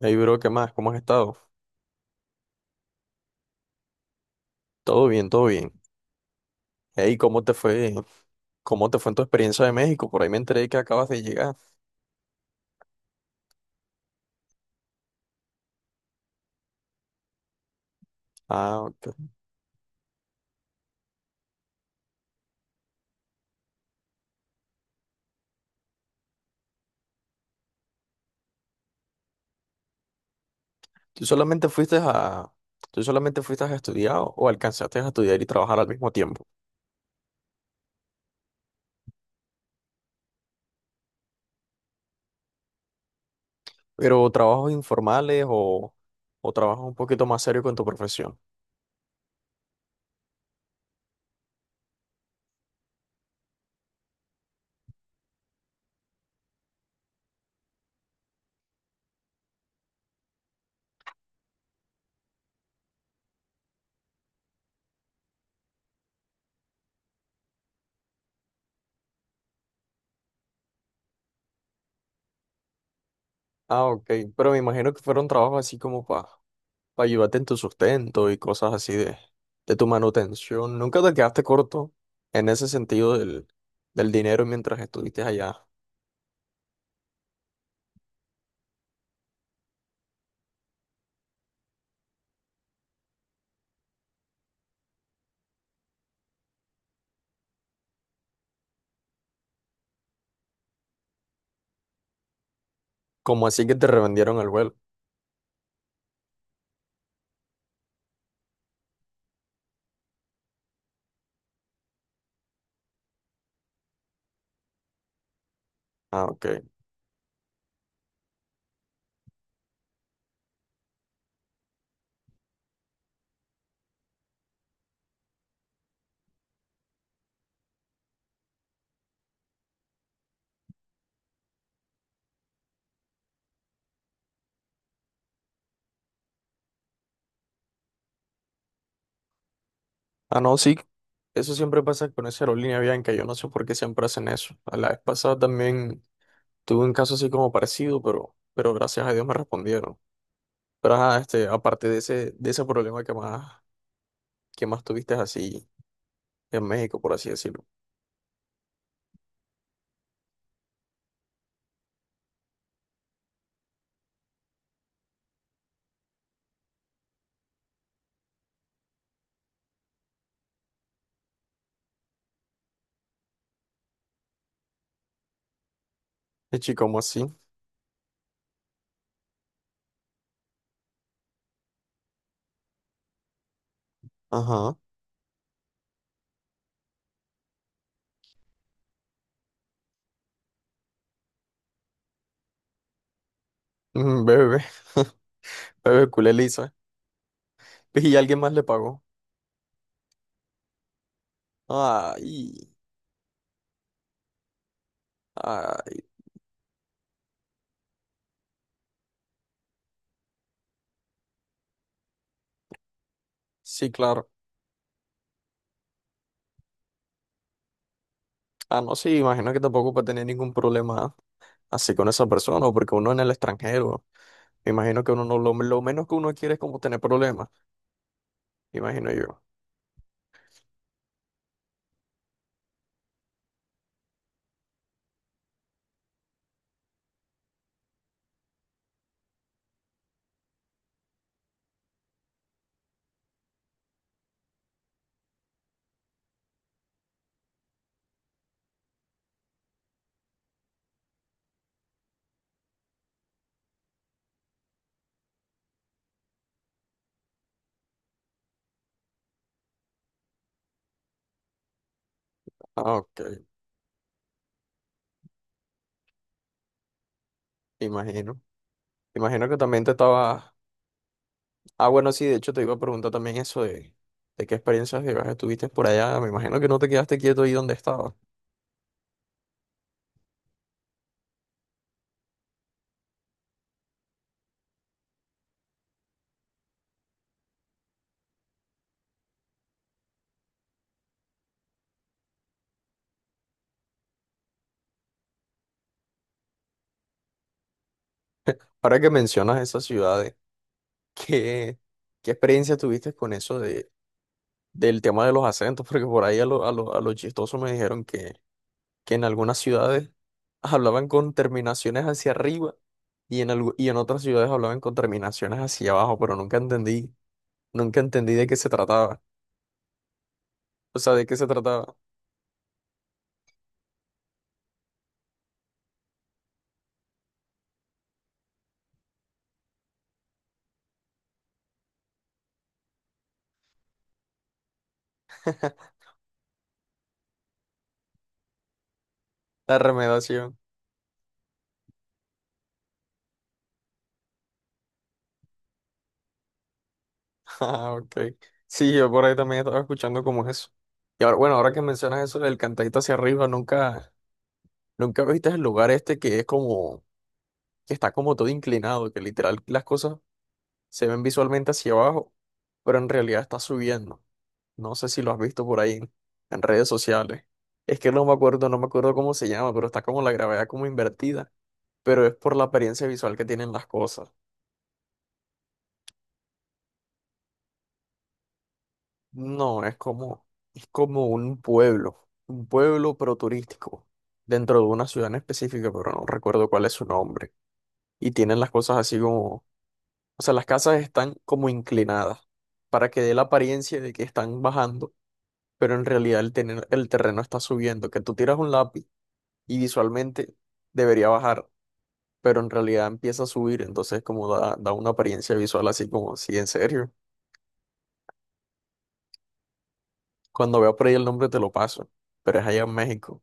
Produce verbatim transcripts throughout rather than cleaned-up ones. Hey, bro, ¿qué más? ¿Cómo has estado? Todo bien, todo bien. Hey, ¿cómo te fue? ¿Cómo te fue en tu experiencia de México? Por ahí me enteré que acabas de llegar. Ah, ok. ¿Tú solamente fuiste a, ¿Tú solamente fuiste a estudiar o alcanzaste a estudiar y trabajar al mismo tiempo? Pero trabajos informales o, o trabajos un poquito más serios con tu profesión. Ah, ok. Pero me imagino que fueron trabajos así como para ayudarte en tu sustento y cosas así de, de tu manutención. ¿Nunca te quedaste corto en ese sentido del, del dinero mientras estuviste allá? Como así que te revendieron el vuelo. Ah, ok. Ah, no, sí, eso siempre pasa con esa aerolínea Bianca. Yo no sé por qué siempre hacen eso. A La vez pasada también tuve un caso así como parecido, pero, pero gracias a Dios me respondieron. Pero ajá, este, aparte de ese, de ese problema que más, que más tuviste así en México, por así decirlo. Y chico, ¿cómo así? Ajá. Mm, Bebe, bebe, culé lisa. pues, y alguien más le pagó. Ay, ay, sí, claro. Ah, no, sí, imagino que tampoco puede tener ningún problema así con esa persona, porque uno en el extranjero, me imagino que uno no, lo, lo menos que uno quiere es como tener problemas, imagino yo. Ah, ok, imagino. Imagino que también te estabas. Ah, bueno, sí, de hecho te iba a preguntar también eso de, de qué experiencias de viaje tuviste por allá. Me imagino que no te quedaste quieto ahí donde estabas. Ahora que mencionas esas ciudades, ¿qué, qué experiencia tuviste con eso de, del tema de los acentos? Porque por ahí a los a lo, a lo chistoso me dijeron que, que en algunas ciudades hablaban con terminaciones hacia arriba. Y en, algu- y en otras ciudades hablaban con terminaciones hacia abajo, pero nunca entendí, nunca entendí de qué se trataba. O sea, de qué se trataba. La remedación. Ah, ok. Sí, yo por ahí también estaba escuchando como eso. Y ahora, bueno, ahora que mencionas eso del cantadito hacia arriba, nunca, nunca viste el lugar este que es como, que está como todo inclinado, que literal las cosas se ven visualmente hacia abajo, pero en realidad está subiendo. No sé si lo has visto por ahí en redes sociales. Es que no me acuerdo, no me acuerdo cómo se llama, pero está como la gravedad como invertida, pero es por la apariencia visual que tienen las cosas. No, es como, es como un pueblo, un pueblo, pero turístico, dentro de una ciudad en específica, pero no recuerdo cuál es su nombre. Y tienen las cosas así como, o sea, las casas están como inclinadas para que dé la apariencia de que están bajando, pero en realidad el, tener- el terreno está subiendo, que tú tiras un lápiz y visualmente debería bajar, pero en realidad empieza a subir, entonces como da, da una apariencia visual así como, sí, en serio. Cuando veo por ahí el nombre te lo paso, pero es allá en México.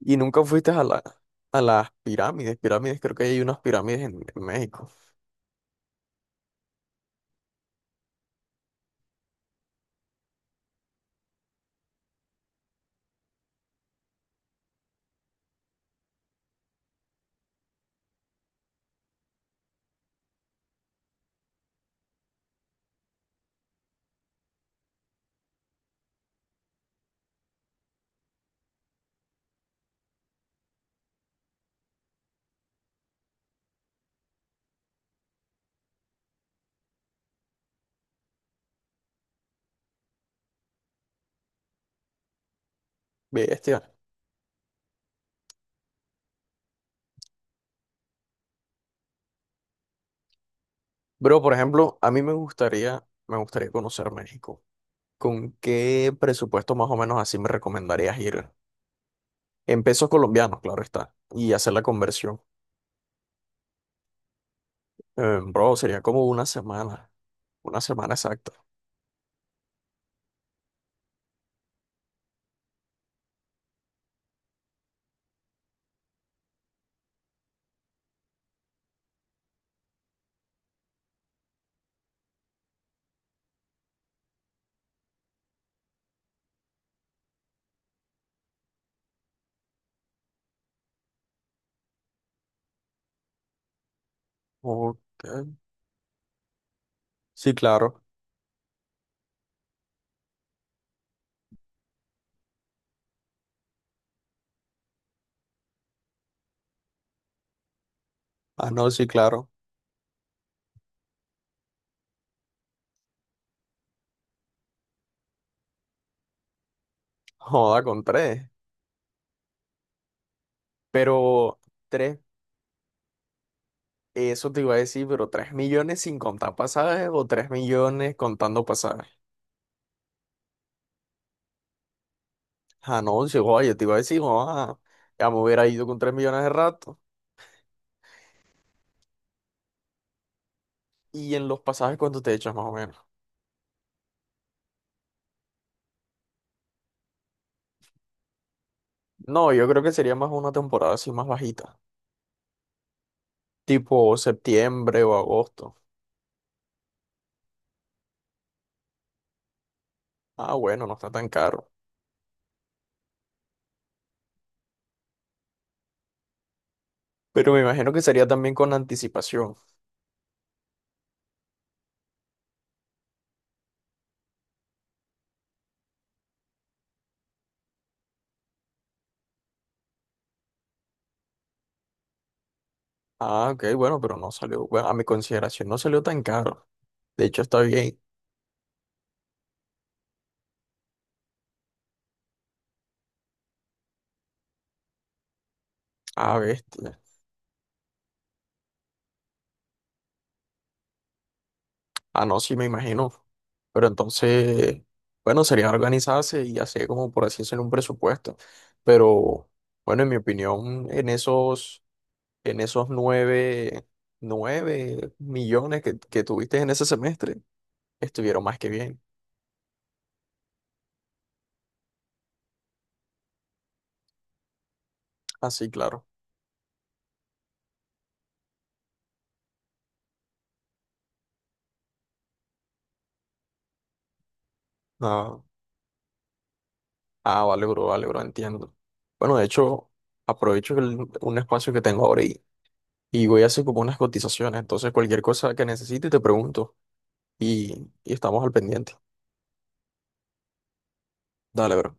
Y nunca fuiste a la, a las pirámides, pirámides, creo que hay unas pirámides en, en México. Bestia. Bro, por ejemplo, a mí me gustaría, me gustaría conocer México. ¿Con qué presupuesto más o menos así me recomendarías ir? En pesos colombianos, claro está, y hacer la conversión. Eh, bro, sería como una semana, una semana exacta. Ok. Sí, claro. Ah, no, sí, claro. Joda con tres. Pero tres, eso te iba a decir, pero tres millones sin contar pasajes o tres millones contando pasajes. Ah, no, sí, joda, yo te iba a decir, joda, ya me hubiera ido con tres millones de rato. Y en los pasajes, ¿cuánto te echas más o menos? No, yo creo que sería más una temporada así más bajita, tipo septiembre o agosto. Ah, bueno, no está tan caro. Pero me imagino que sería también con anticipación. Ah, ok, bueno, pero no salió, bueno, a mi consideración no salió tan caro. De hecho, está bien. Ah, bestia. Ah, no, sí, me imagino. Pero entonces, bueno, sería organizarse y hacer como por así decirlo un presupuesto. Pero, bueno, en mi opinión, en esos, en esos nueve, nueve millones que, que tuviste en ese semestre, estuvieron más que bien. Así, claro. Ah, ah, vale, bro, vale, bro, entiendo. Bueno, de hecho, aprovecho el- un espacio que tengo ahora, y Y voy a hacer como unas cotizaciones. Entonces, cualquier cosa que necesite te pregunto. Y, y estamos al pendiente. Dale, bro.